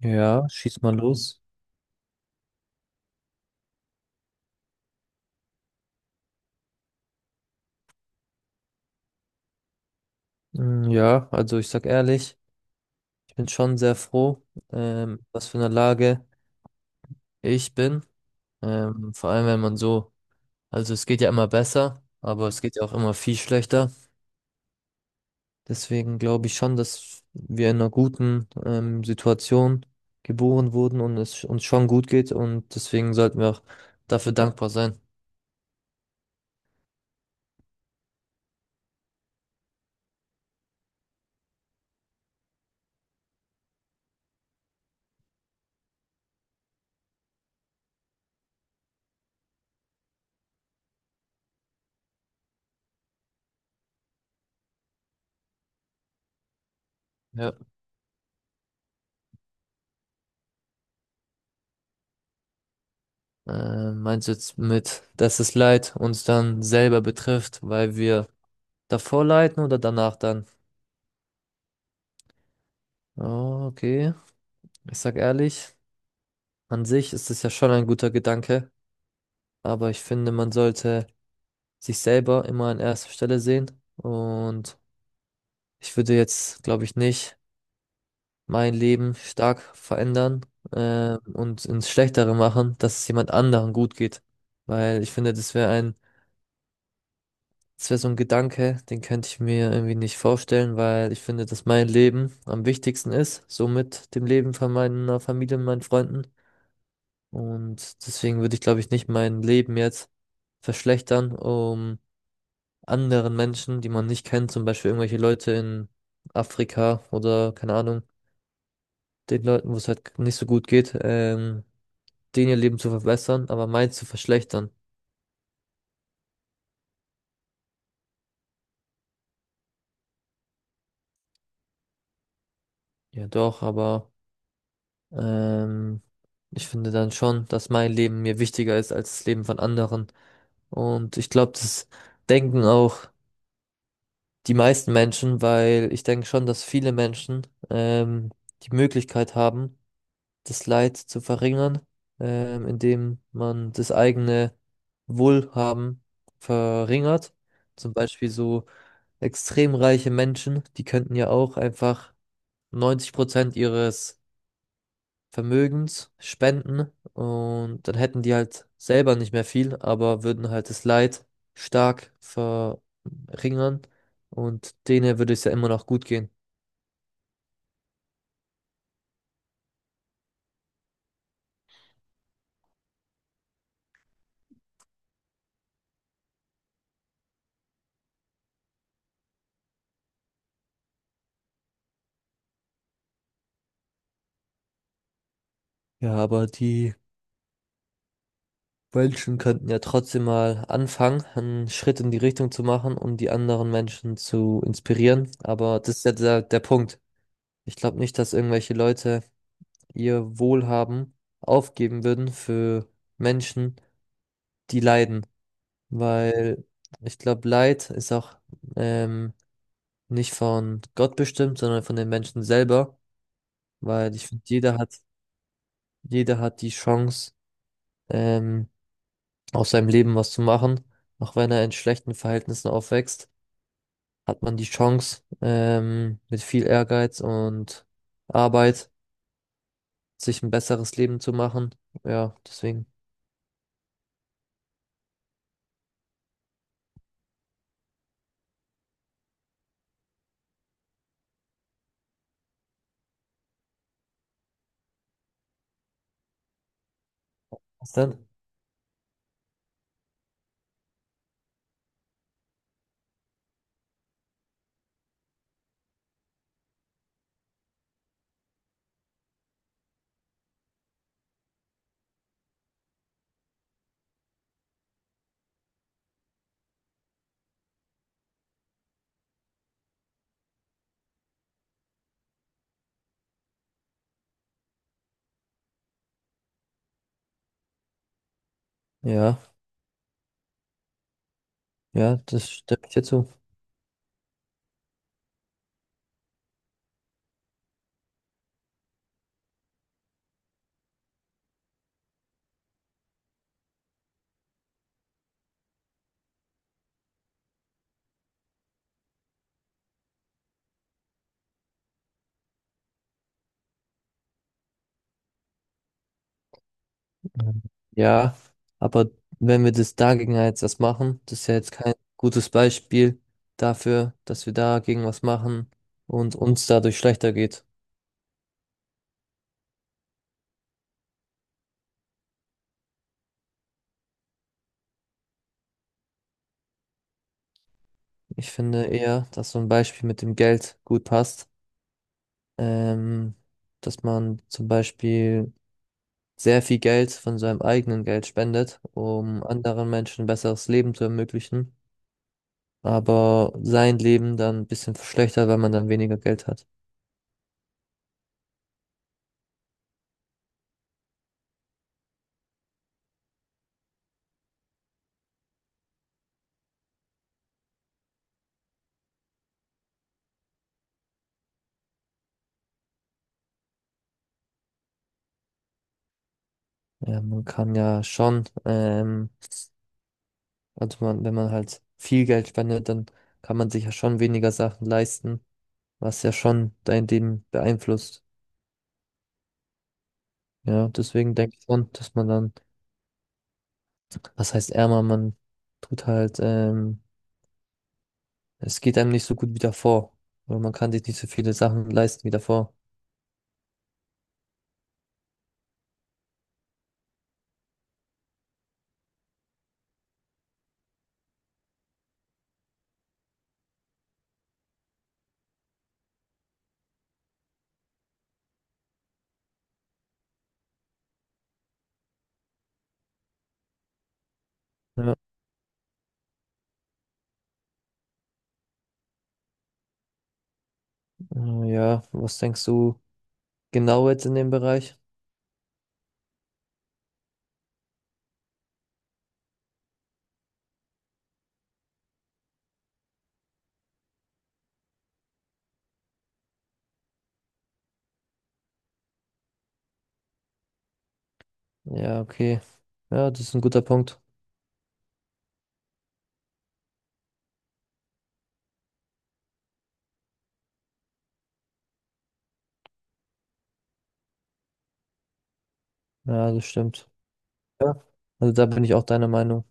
Ja, schieß mal los. Mm, ja, also ich sag ehrlich, ich bin schon sehr froh, was für eine Lage ich bin. Vor allem, wenn man so, also es geht ja immer besser, aber es geht ja auch immer viel schlechter. Deswegen glaube ich schon, dass wir in einer guten, Situation geboren wurden und es uns schon gut geht und deswegen sollten wir auch dafür dankbar sein. Ja. Meinst du jetzt mit, dass es Leid uns dann selber betrifft, weil wir davor leiten oder danach dann? Oh, okay. Ich sag ehrlich, an sich ist es ja schon ein guter Gedanke, aber ich finde, man sollte sich selber immer an erster Stelle sehen. Und ich würde jetzt, glaube ich, nicht mein Leben stark verändern, und ins Schlechtere machen, dass es jemand anderen gut geht. Weil ich finde, das wäre ein, das wäre so ein Gedanke, den könnte ich mir irgendwie nicht vorstellen, weil ich finde, dass mein Leben am wichtigsten ist, so mit dem Leben von meiner Familie und meinen Freunden. Und deswegen würde ich, glaube ich, nicht mein Leben jetzt verschlechtern, um anderen Menschen, die man nicht kennt, zum Beispiel irgendwelche Leute in Afrika oder keine Ahnung, den Leuten, wo es halt nicht so gut geht, denen ihr Leben zu verbessern, aber meins zu verschlechtern. Ja, doch, aber ähm, ich finde dann schon, dass mein Leben mir wichtiger ist als das Leben von anderen. Und ich glaube, das denken auch die meisten Menschen, weil ich denke schon, dass viele Menschen die Möglichkeit haben, das Leid zu verringern, indem man das eigene Wohlhaben verringert. Zum Beispiel so extrem reiche Menschen, die könnten ja auch einfach 90% ihres Vermögens spenden und dann hätten die halt selber nicht mehr viel, aber würden halt das Leid stark verringern und denen würde es ja immer noch gut gehen. Ja, aber die Menschen könnten ja trotzdem mal anfangen, einen Schritt in die Richtung zu machen, um die anderen Menschen zu inspirieren. Aber das ist ja der Punkt. Ich glaube nicht, dass irgendwelche Leute ihr Wohlhaben aufgeben würden für Menschen, die leiden. Weil ich glaube, Leid ist auch ähm, nicht von Gott bestimmt, sondern von den Menschen selber, weil ich finde, jeder hat die Chance, ähm, aus seinem Leben was zu machen. Auch wenn er in schlechten Verhältnissen aufwächst, hat man die Chance, mit viel Ehrgeiz und Arbeit sich ein besseres Leben zu machen. Ja, deswegen. Was denn? Ja, ja, das stimme ich dir zu. Ja, aber wenn wir das dagegen jetzt was machen, das ist ja jetzt kein gutes Beispiel dafür, dass wir dagegen was machen und uns dadurch schlechter geht. Ich finde eher, dass so ein Beispiel mit dem Geld gut passt. Ähm, dass man zum Beispiel sehr viel Geld von seinem eigenen Geld spendet, um anderen Menschen ein besseres Leben zu ermöglichen, aber sein Leben dann ein bisschen verschlechtert, weil man dann weniger Geld hat. Ja, man kann ja schon also man, wenn man halt viel Geld spendet, dann kann man sich ja schon weniger Sachen leisten, was ja schon dein Leben beeinflusst. Ja, deswegen denke ich schon, dass man dann, was heißt ärmer, man tut halt, es geht einem nicht so gut wie davor. Oder man kann sich nicht so viele Sachen leisten wie davor. Ja, ja, was denkst du genau jetzt in dem Bereich? Ja, okay. Ja, das ist ein guter Punkt. Ja, das stimmt. Ja. Also da bin ich auch deiner Meinung.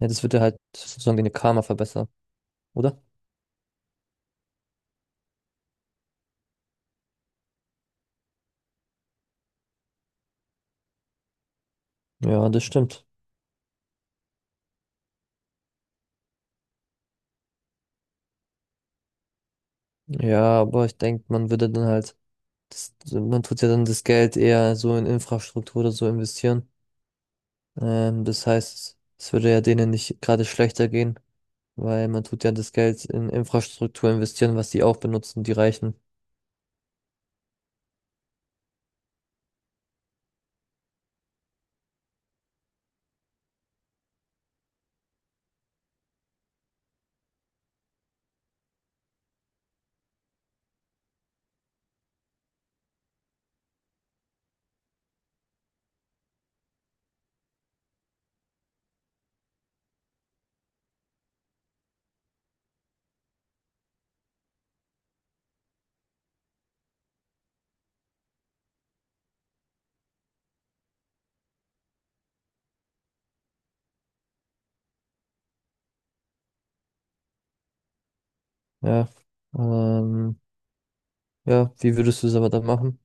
Ja, das würde halt sozusagen deine Karma verbessern, oder? Ja, das stimmt. Ja, aber ich denke, man würde dann halt, das, man tut ja dann das Geld eher so in Infrastruktur oder so investieren. Das heißt, es würde ja denen nicht gerade schlechter gehen, weil man tut ja das Geld in Infrastruktur investieren, was die auch benutzen, die Reichen. Ja. Ähm, ja, wie würdest du es aber dann machen?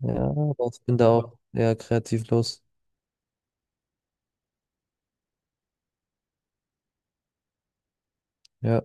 Ja, aber ich bin da auch eher kreativlos. Ja.